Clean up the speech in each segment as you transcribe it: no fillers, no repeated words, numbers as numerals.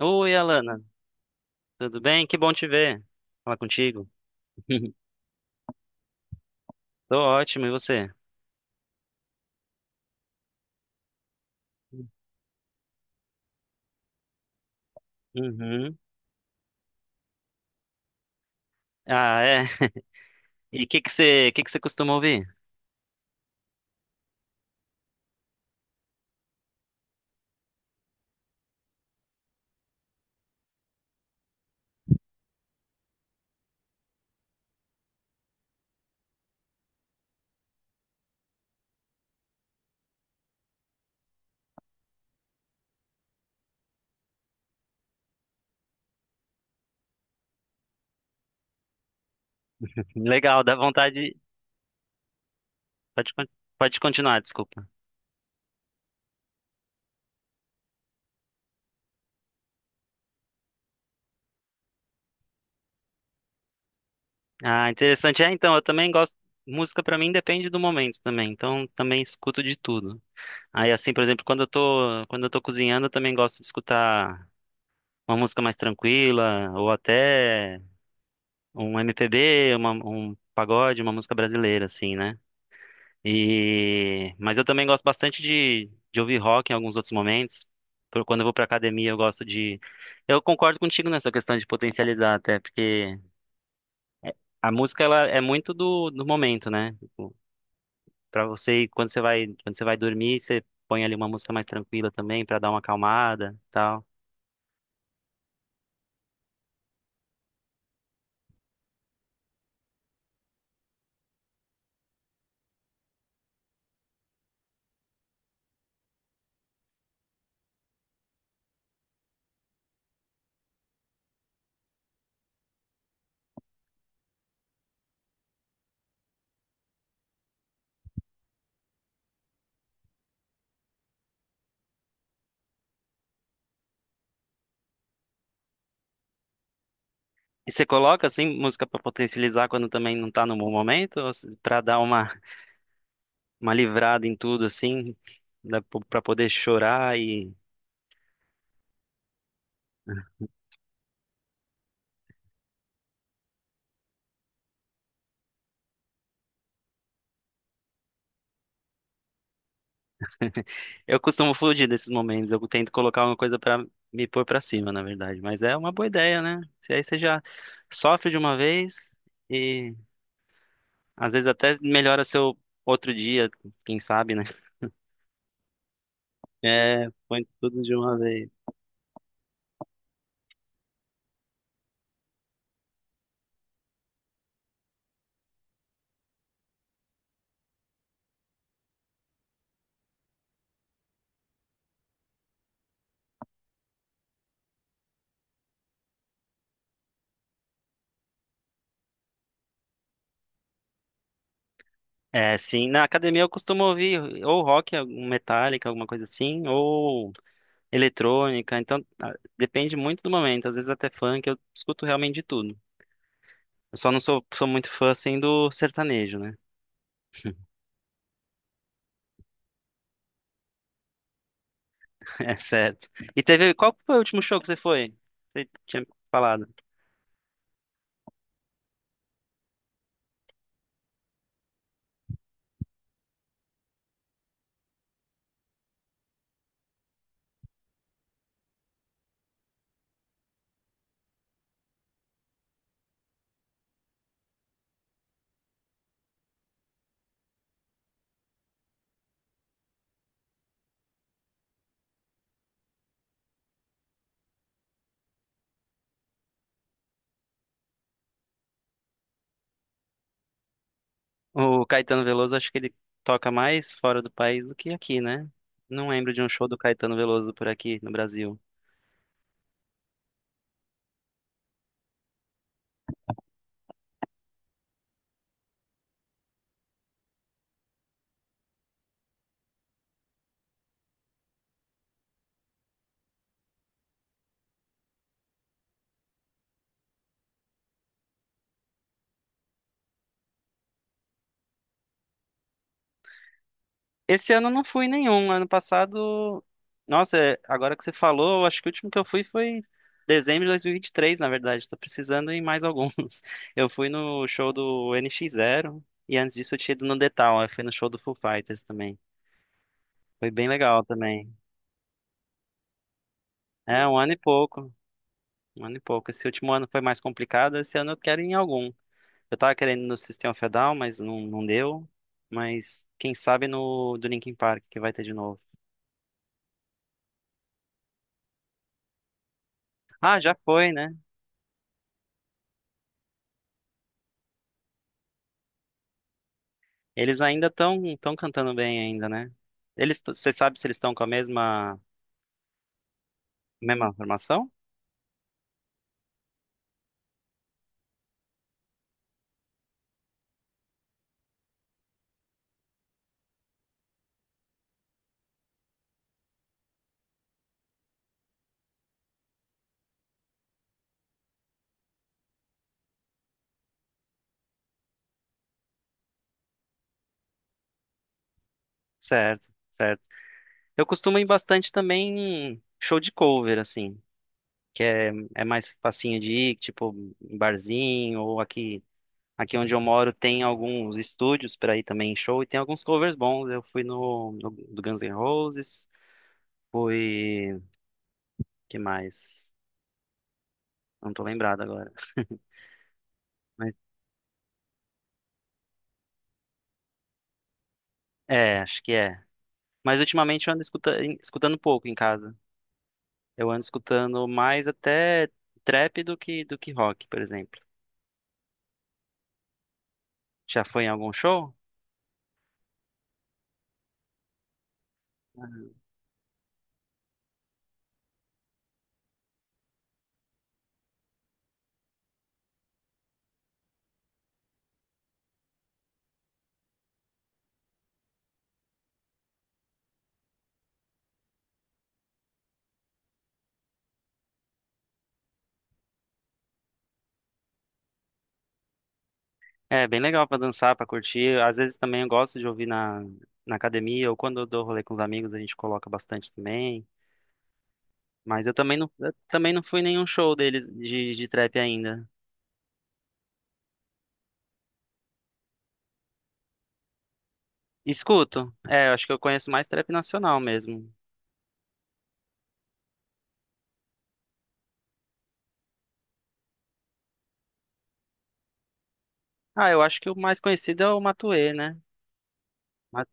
Oi, Alana, tudo bem? Que bom te ver. Falar contigo. Tô ótimo, e você? Uhum. Ah, é. E o que que você costuma ouvir? Legal, dá vontade. Pode, con- pode continuar, desculpa. Ah, interessante. É, então, eu também gosto. Música pra mim depende do momento também, então também escuto de tudo. Aí, assim, por exemplo, quando eu tô cozinhando, eu também gosto de escutar uma música mais tranquila, ou até um MPB, um pagode, uma música brasileira, assim, né? E mas eu também gosto bastante de ouvir rock em alguns outros momentos. Quando eu vou pra academia, eu gosto de. Eu concordo contigo nessa questão de potencializar, até porque a música ela é muito do momento, né? Tipo, quando você vai dormir, você põe ali uma música mais tranquila também pra dar uma acalmada, e tal. E você coloca assim música pra potencializar quando também não tá no bom momento, ou pra dar uma livrada em tudo assim, dá pra poder chorar e Eu costumo fugir desses momentos. Eu tento colocar uma coisa pra me pôr pra cima, na verdade. Mas é uma boa ideia, né? Se aí você já sofre de uma vez e às vezes até melhora seu outro dia, quem sabe, né? É, põe tudo de uma vez. É, sim. Na academia eu costumo ouvir ou rock, algum Metallica, alguma coisa assim, ou eletrônica. Então, depende muito do momento. Às vezes até funk, eu escuto realmente de tudo. Eu só não sou muito fã, assim, do sertanejo, né? É certo. E teve. Qual foi o último show que você foi? Você tinha falado. O Caetano Veloso, acho que ele toca mais fora do país do que aqui, né? Não lembro de um show do Caetano Veloso por aqui no Brasil. Esse ano eu não fui nenhum. Ano passado. Nossa, agora que você falou, eu acho que o último que eu fui foi dezembro de 2023, na verdade. Tô precisando ir em mais alguns. Eu fui no show do NX Zero e antes disso eu tinha ido no The Town. Eu fui no show do Foo Fighters também. Foi bem legal também. É, um ano e pouco. Um ano e pouco. Esse último ano foi mais complicado, esse ano eu quero ir em algum. Eu tava querendo ir no sistema of mas não deu. Mas quem sabe no do Linkin Park, que vai ter de novo. Ah, já foi, né? Eles ainda estão tão cantando bem ainda, né? Eles, você sabe se eles estão com a mesma formação? Certo, certo. Eu costumo ir bastante também em show de cover, assim, que é mais facinho de ir, tipo, em barzinho ou aqui onde eu moro tem alguns estúdios para ir também em show e tem alguns covers bons. Eu fui no do Guns N' Roses, fui, que mais? Não tô lembrado agora. Mas, é, acho que é. Mas ultimamente eu ando escutando pouco em casa. Eu ando escutando mais até trap do que rock, por exemplo. Já foi em algum show? É, bem legal para dançar, para curtir. Às vezes também eu gosto de ouvir na academia ou quando eu dou rolê com os amigos, a gente coloca bastante também. Mas eu também não fui em nenhum show deles de trap ainda. Escuto. É, eu acho que eu conheço mais trap nacional mesmo. Ah, eu acho que o mais conhecido é o Matuê, né? Ma-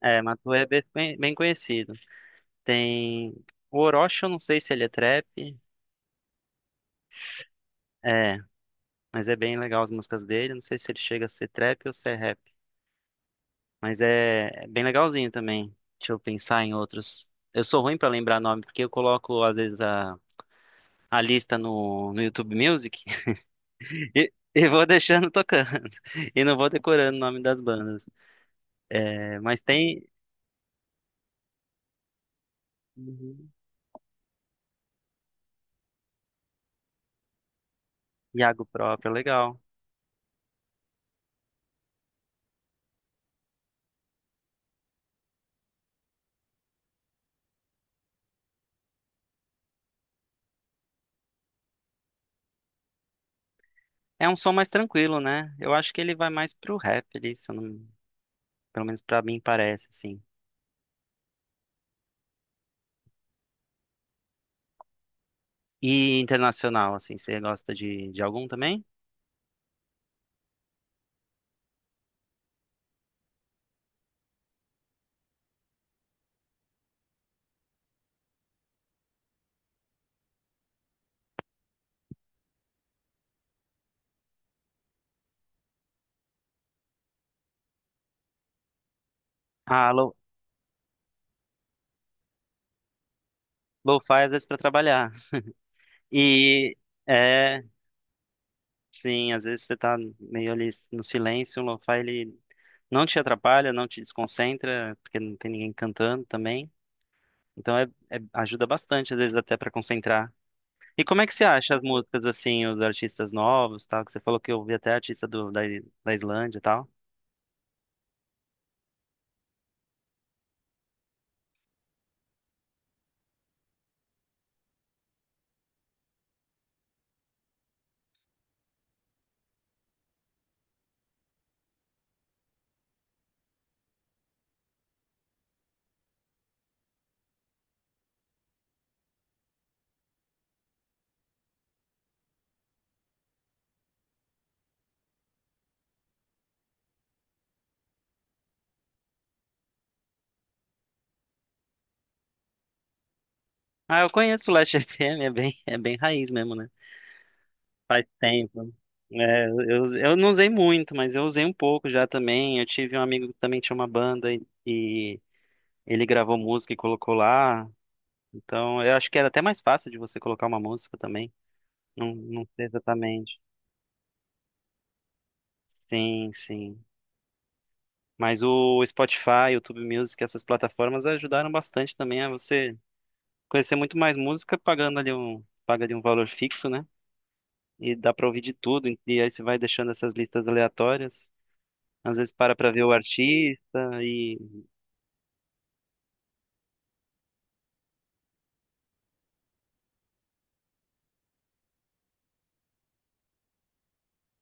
É, Matuê é bem bem conhecido. Tem o Orochi, eu não sei se ele é trap. É, mas é bem legal as músicas dele. Não sei se ele chega a ser trap ou se é rap. Mas é bem legalzinho também. Deixa eu pensar em outros. Eu sou ruim pra lembrar nome, porque eu coloco, às vezes, a lista no YouTube Music. E vou deixando tocando. E não vou decorando o nome das bandas. É, mas tem Uhum. Iago próprio, legal. É um som mais tranquilo, né? Eu acho que ele vai mais pro rap ali, se eu não- pelo menos pra mim parece, assim. E internacional, assim, você gosta de algum também? Ah, lo-fi às vezes pra trabalhar. E é, sim, às vezes você tá meio ali no silêncio, o lo-fi ele não te atrapalha, não te desconcentra, porque não tem ninguém cantando também. Então ajuda bastante, às vezes, até pra concentrar. E como é que você acha as músicas, assim, os artistas novos, tal? Que você falou que eu ouvi até artista da Islândia e tal. Ah, eu conheço o Last FM, é bem raiz mesmo, né? Faz tempo. É, eu não usei muito, mas eu usei um pouco já também. Eu tive um amigo que também tinha uma banda e ele gravou música e colocou lá. Então, eu acho que era até mais fácil de você colocar uma música também. Não, não sei exatamente. Sim, sim. Mas o Spotify, YouTube Music, essas plataformas ajudaram bastante também a você conhecer muito mais música, paga ali um valor fixo, né? E dá pra ouvir de tudo. E aí você vai deixando essas listas aleatórias. Às vezes para pra ver o artista e.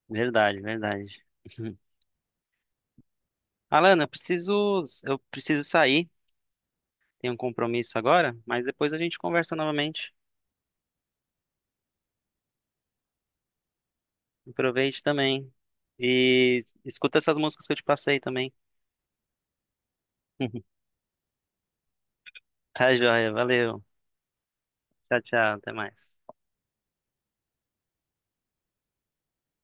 Verdade, verdade. Alana, eu preciso sair. Tenho um compromisso agora, mas depois a gente conversa novamente. Aproveite também. E escuta essas músicas que eu te passei também. Tá joia, valeu. Tchau, tchau, até mais.